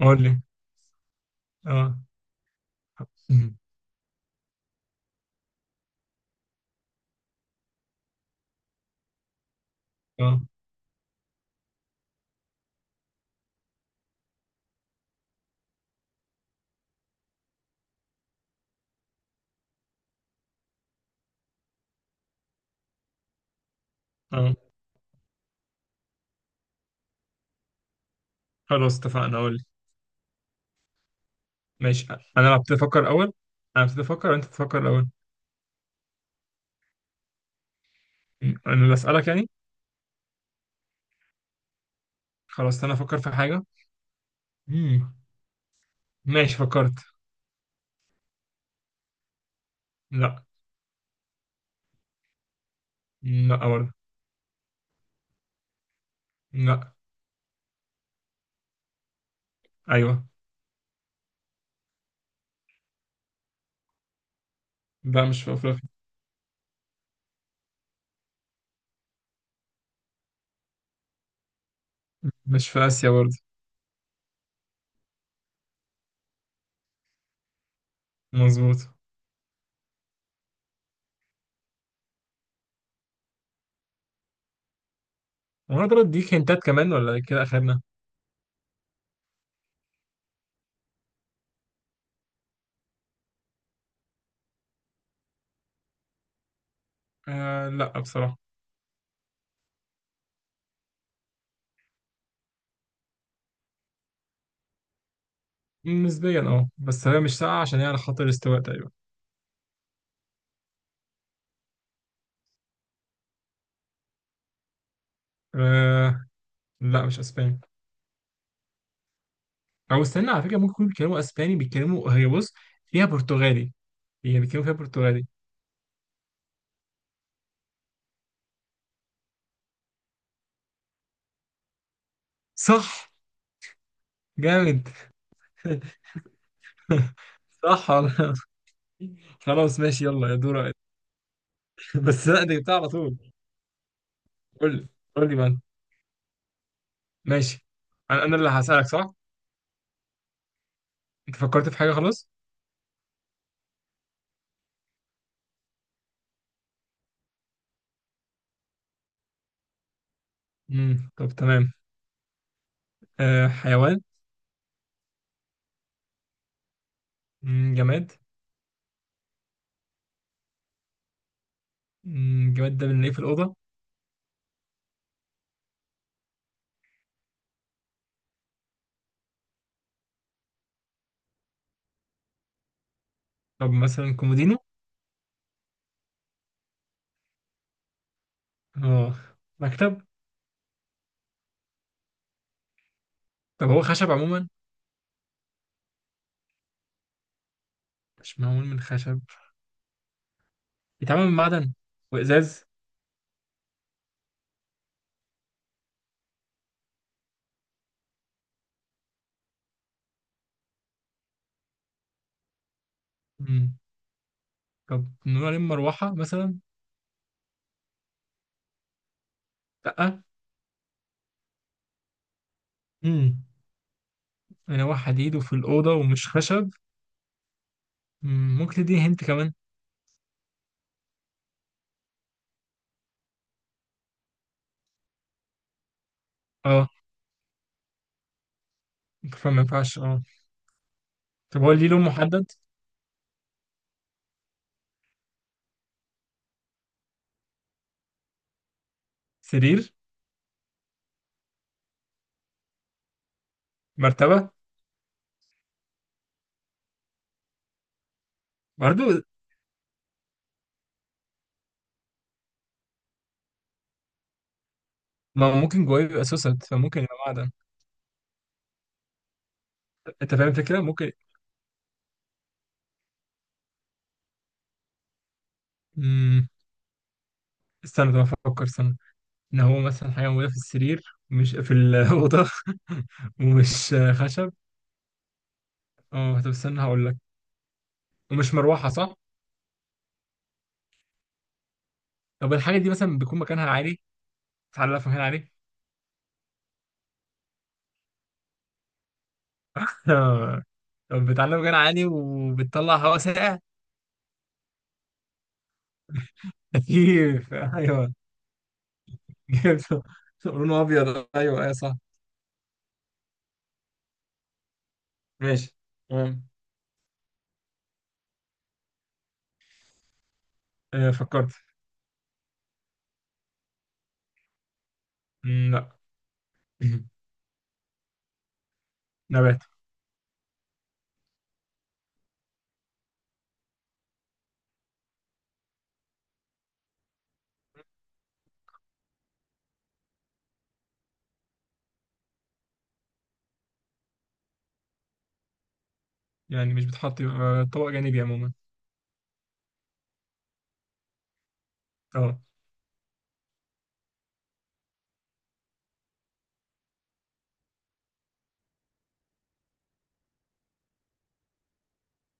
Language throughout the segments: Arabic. قول لي. اه اه اه. خلاص اتفقنا، قول لي. ماشي، انا اللي ابتدي افكر اول، انا ابتدي افكر انت تفكر الاول. مم. انا اللي اسالك يعني؟ خلاص انا افكر في حاجه. مم. ماشي فكرت. لا. لا برضه. لا. ايوه. لا مش في افريقيا. مش في اسيا برضه. مظبوط. وانا اقدر اديك هنتات كمان ولا كده اخرنا؟ آه لا بصراحه. نسبيا اه، بس هي مش ساقعه عشان هي على خط الاستواء تقريبا. آه لا مش اسبانيا، او استنى على فكره ممكن يكونوا بيتكلموا اسباني، بيتكلموا، هي بص فيها برتغالي، هي بيتكلموا فيها برتغالي. صح. جامد. صح والله. خلاص ماشي، يلا يا دور. بس لا دي بتاع على طول. قول لي. قول لي بقى. ماشي. أنا اللي هسألك صح؟ انت فكرت في حاجه خلاص؟ طب تمام. أه، حيوان؟ مم، جماد؟ مم، جماد ده بنلاقيه في الاوضه. طب مثلا كومودينو؟ اه. مكتب؟ طب هو خشب عموما؟ مش معمول من خشب. بيتعمل من معدن وازاز؟ طب نقول عليه مروحة مثلا؟ لأ. امم، مروحة حديد وفي الأوضة ومش خشب. مم، ممكن تديني هنت كمان؟ اه. فما ينفعش اه. طب هو ليه لون محدد؟ سرير؟ مرتبة؟ برضه. ما هو ممكن جواه يبقى سوسد فممكن يبقى معدن. انت فاهم الفكرة؟ ممكن. مم. استنى طب افكر، استنى، ان هو مثلا حاجة موجودة في السرير مش في الأوضة. ومش خشب. اه طب استنى هقول لك. ومش مروحة صح؟ طب الحاجة دي مثلا بيكون مكانها عالي؟ تعالى في مكان عالي. آه. طب بتعلم غير عالي وبتطلع هواء ساقع. تكييف، ايوه. جبته. لونه ابيض. ايوه ايوه صح. ماشي. تمام. آه، فكرت. مم، لا. نبات. يعني مش بتحط يبقى طبق جانبي عموما؟ اه.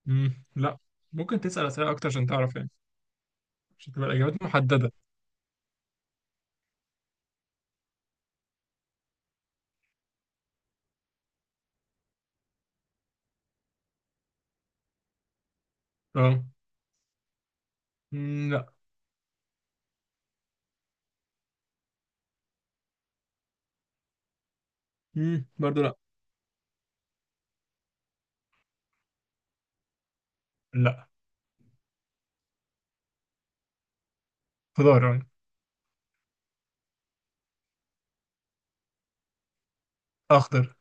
مم، لا. ممكن تسأل أسئلة أكتر عشان تعرف يعني، عشان تبقى الإجابات محددة. اه. مم، لا. مم، برضو لا. لا. خضار يعني. أخضر.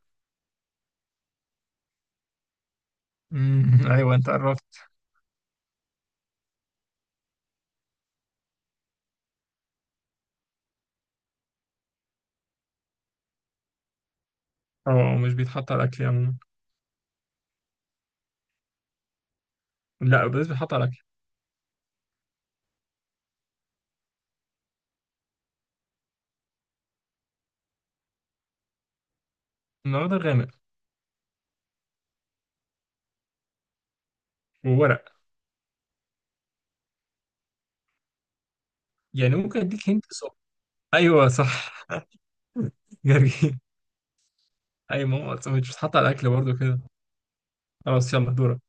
مم، أيوه أنت قربت. اه مش بيتحط على الأكل عموما. لا بس بيتحط على الأكل. الأخضر غامق. وورق. يعني ممكن اديك هنت صح؟ ايوه صح. جرجير. اي ماما أصلاً مش بتتحط على الاكل برضو كده. خلاص يلا دورك.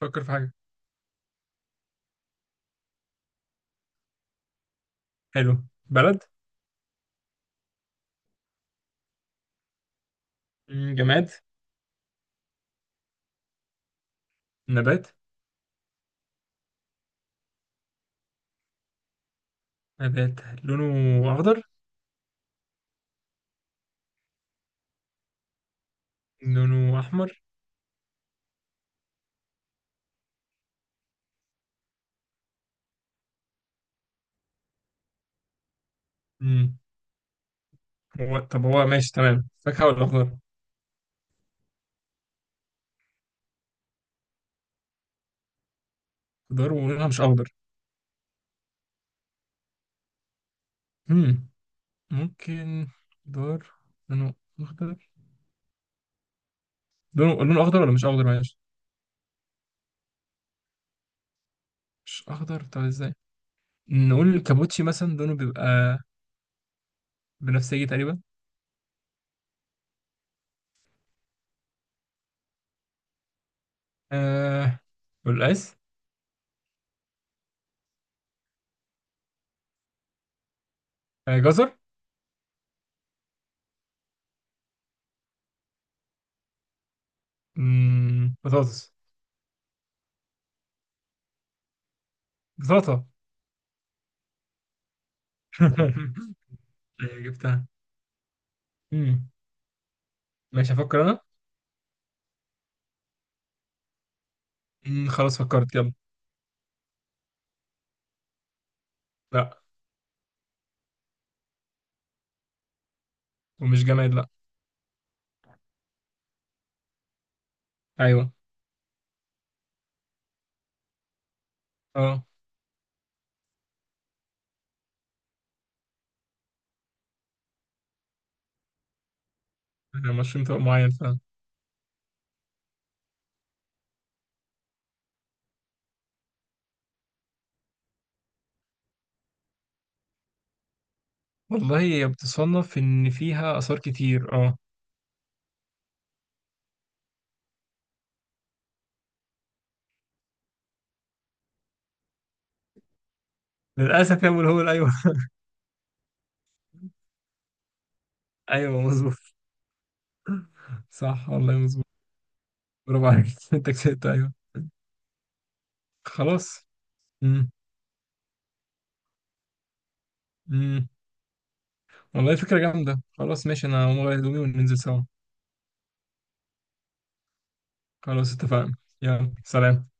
فكر في حاجه. حلو. بلد؟ مم، جماد؟ نبات؟ نبات. لونه اخضر؟ لونه احمر؟ مم. هو طب هو ماشي تمام، فاكهه ولا اخضر؟ خضار ولونها مش اخضر؟ مم. ممكن. خضار لونه اخضر، لونه اخضر ولا مش اخضر، معلش. مش اخضر؟ طب ازاي. نقول الكابوتشي مثلا لونه بيبقى بنفسجي تقريبا. آه والقيس. آه جزر. مم، بطاطس. بطاطا. آه، جبتها. مم. ماشي هفكر انا. مم، خلاص فكرت يلا. لا. ومش جماد لا. ايوه. اه. آه، مشروم طبق معين فعلا. والله هي بتصنف ان فيها اثار كتير اه. للاسف يا ابو الهول ايوه. ايوه مظبوط. صح والله مظبوط. برافو عليك. انت كسبت ايوه. خلاص. مم. مم. والله فكره جامده، خلاص ماشي انا هقوم اغير هدومي وننزل سوا. خلاص اتفقنا. يلا سلام.